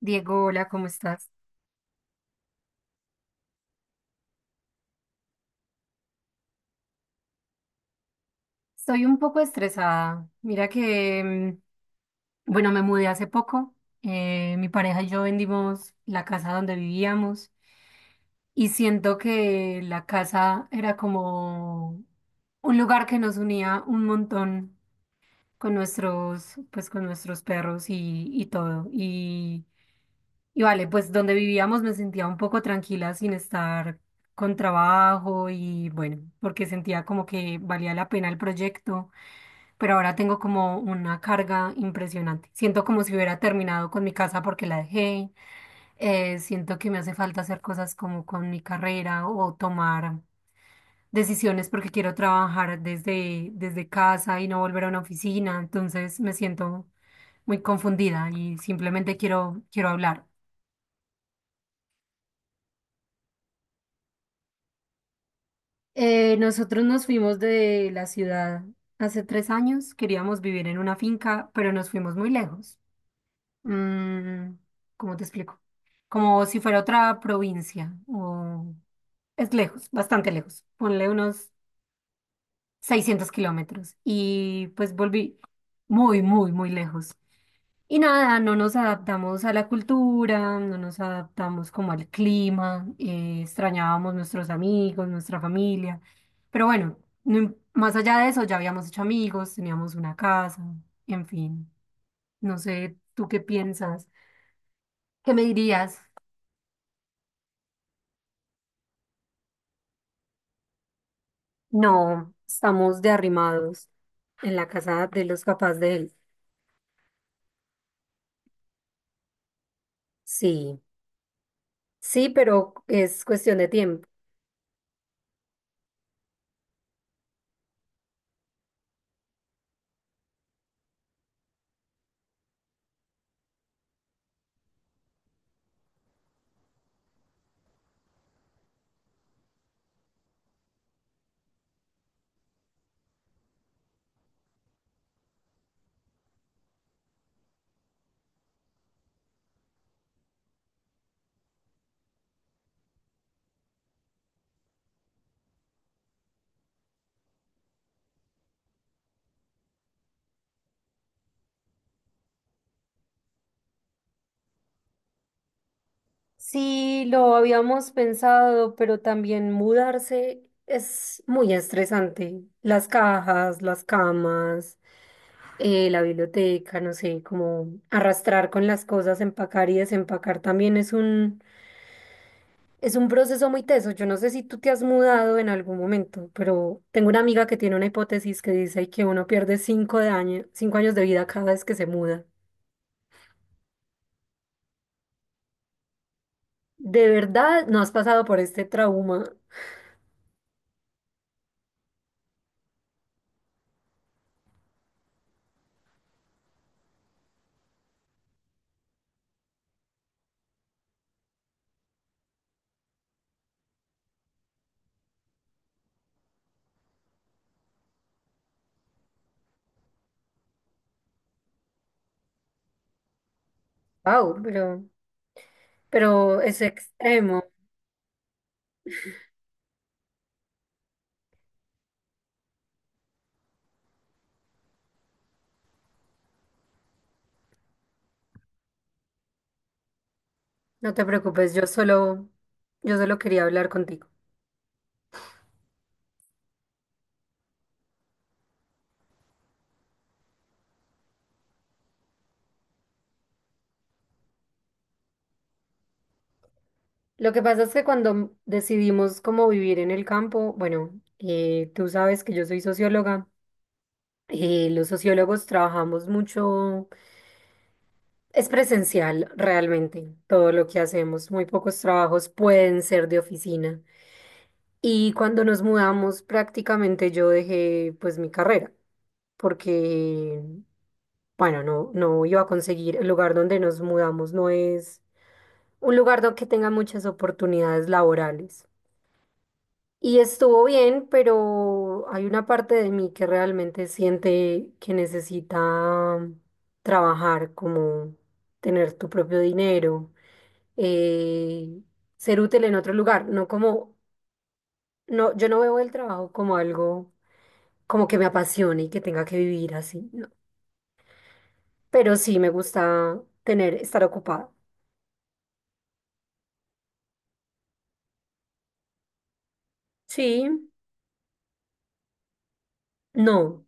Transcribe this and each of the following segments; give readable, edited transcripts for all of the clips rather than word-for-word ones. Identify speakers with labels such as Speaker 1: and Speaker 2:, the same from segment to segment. Speaker 1: Diego, hola, ¿cómo estás? Estoy un poco estresada. Mira que, bueno, me mudé hace poco. Mi pareja y yo vendimos la casa donde vivíamos y siento que la casa era como un lugar que nos unía un montón con nuestros, pues con nuestros perros y todo. Y vale, pues donde vivíamos me sentía un poco tranquila sin estar con trabajo y bueno, porque sentía como que valía la pena el proyecto. Pero ahora tengo como una carga impresionante. Siento como si hubiera terminado con mi casa porque la dejé. Siento que me hace falta hacer cosas como con mi carrera o tomar decisiones porque quiero trabajar desde casa y no volver a una oficina. Entonces me siento muy confundida y simplemente quiero hablar. Nosotros nos fuimos de la ciudad hace 3 años. Queríamos vivir en una finca, pero nos fuimos muy lejos. Mm, ¿Cómo te explico? Como si fuera otra provincia. Es lejos, bastante lejos. Ponle unos 600 km. Y pues volví muy, muy, muy lejos. Y nada, no nos adaptamos a la cultura, no nos adaptamos como al clima, extrañábamos nuestros amigos, nuestra familia. Pero bueno, no im- más allá de eso, ya habíamos hecho amigos, teníamos una casa, en fin. No sé, ¿tú qué piensas? ¿Qué me dirías? No, estamos de arrimados en la casa de los papás de él. Sí, sí, pero es cuestión de tiempo. Sí, lo habíamos pensado, pero también mudarse es muy estresante. Las cajas, las camas, la biblioteca, no sé, como arrastrar con las cosas, empacar y desempacar también es Es un proceso muy teso. Yo no sé si tú te has mudado en algún momento, pero tengo una amiga que tiene una hipótesis que dice que uno pierde 5 años de vida cada vez que se muda. De verdad, no has pasado por este trauma. Wow, pero es extremo. No te preocupes, yo solo quería hablar contigo. Lo que pasa es que cuando decidimos cómo vivir en el campo, bueno, tú sabes que yo soy socióloga. Eh, los sociólogos trabajamos mucho. Es presencial realmente todo lo que hacemos. Muy pocos trabajos pueden ser de oficina. Y cuando nos mudamos, prácticamente yo dejé pues mi carrera, porque, bueno, no iba a conseguir el lugar donde nos mudamos, no es un lugar donde que tenga muchas oportunidades laborales. Y estuvo bien, pero hay una parte de mí que realmente siente que necesita trabajar, como tener tu propio dinero, eh, ser útil en otro lugar, no como, no, yo no veo el trabajo como algo como que me apasione y que tenga que vivir así, no. Pero sí me gusta tener, estar ocupada. Sí, no,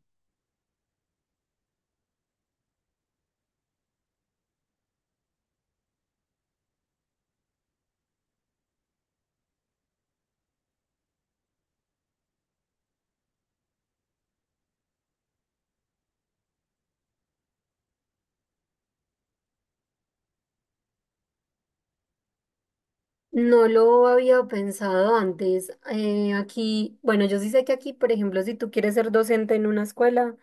Speaker 1: no lo había pensado antes. Aquí, bueno, yo sí sé que aquí, por ejemplo, si tú quieres ser docente en una escuela,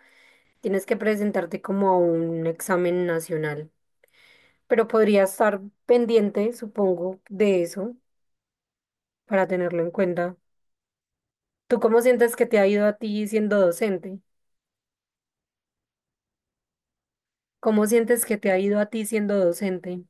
Speaker 1: tienes que presentarte como a un examen nacional, pero podría estar pendiente, supongo, de eso para tenerlo en cuenta. ¿Tú cómo sientes que te ha ido a ti siendo docente? ¿Cómo sientes que te ha ido a ti siendo docente?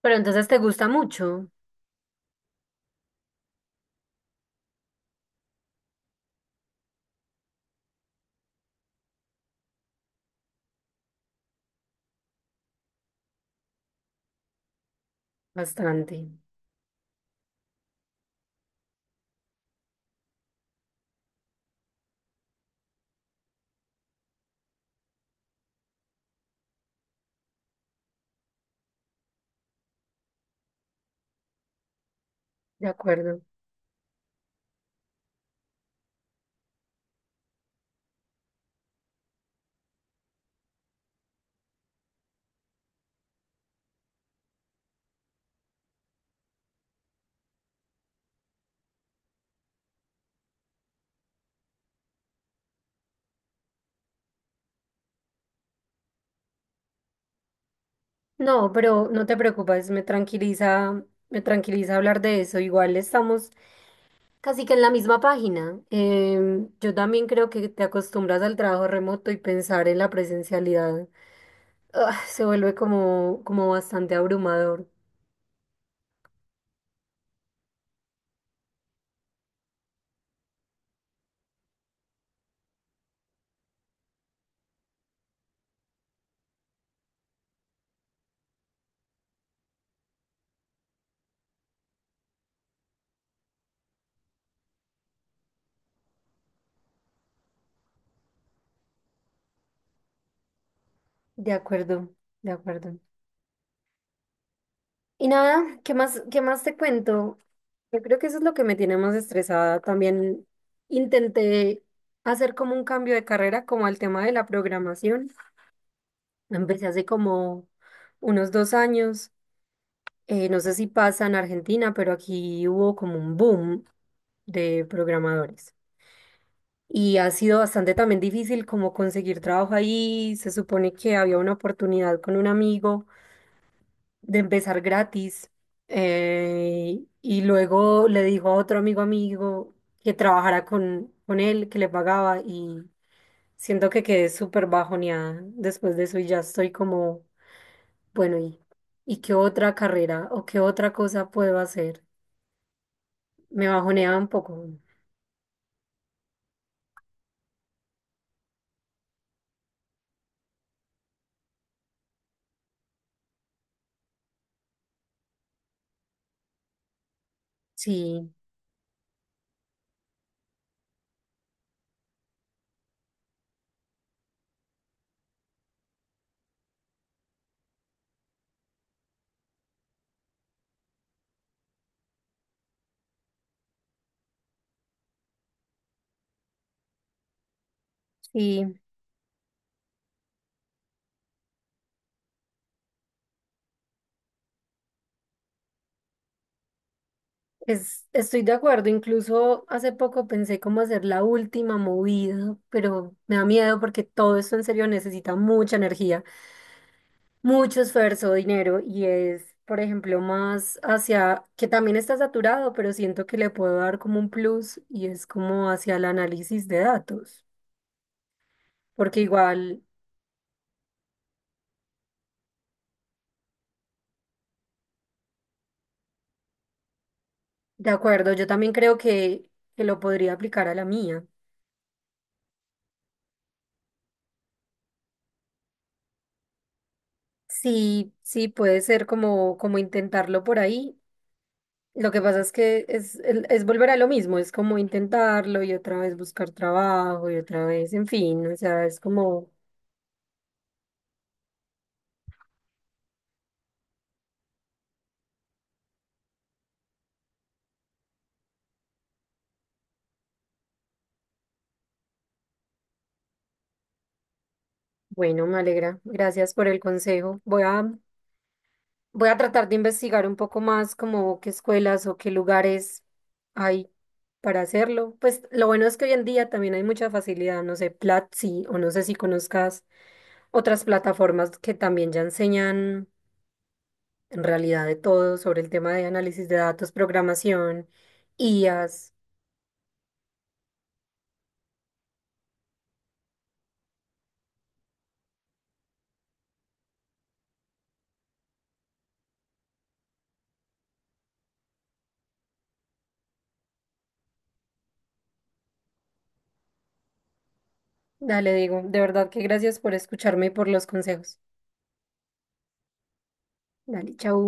Speaker 1: Pero entonces te gusta mucho, bastante, de acuerdo. No, pero no te preocupes, me tranquiliza hablar de eso. Igual estamos casi que en la misma página. Yo también creo que te acostumbras al trabajo remoto y pensar en la presencialidad, ah, se vuelve como, como bastante abrumador. De acuerdo, de acuerdo. Y nada, qué más te cuento? Yo creo que eso es lo que me tiene más estresada. También intenté hacer como un cambio de carrera, como al tema de la programación. Empecé hace como unos 2 años. No sé si pasa en Argentina, pero aquí hubo como un boom de programadores. Y ha sido bastante también difícil como conseguir trabajo ahí. Se supone que había una oportunidad con un amigo de empezar gratis. Y luego le dijo a otro amigo que trabajara con él, que le pagaba y siento que quedé súper bajoneada después de eso y ya estoy como, bueno, ¿y qué otra carrera o qué otra cosa puedo hacer? Me bajoneaba un poco. Sí, sí, estoy de acuerdo. Incluso hace poco pensé cómo hacer la última movida, pero me da miedo porque todo esto en serio necesita mucha energía, mucho esfuerzo, dinero y es, por ejemplo, más hacia, que también está saturado, pero siento que le puedo dar como un plus y es como hacia el análisis de datos, porque igual, de acuerdo, yo también creo que lo podría aplicar a la mía. Sí, sí, puede ser como, como intentarlo por ahí. Lo que pasa es que es, es volver a lo mismo, es como intentarlo y otra vez buscar trabajo y otra vez, en fin, o sea, es como... Bueno, me alegra. Gracias por el consejo. Voy a tratar de investigar un poco más como qué escuelas o qué lugares hay para hacerlo. Pues lo bueno es que hoy en día también hay mucha facilidad, no sé, Platzi o no sé si conozcas otras plataformas que también ya enseñan en realidad de todo sobre el tema de análisis de datos, programación, I as. Dale, digo, de verdad que gracias por escucharme y por los consejos. Dale, chau.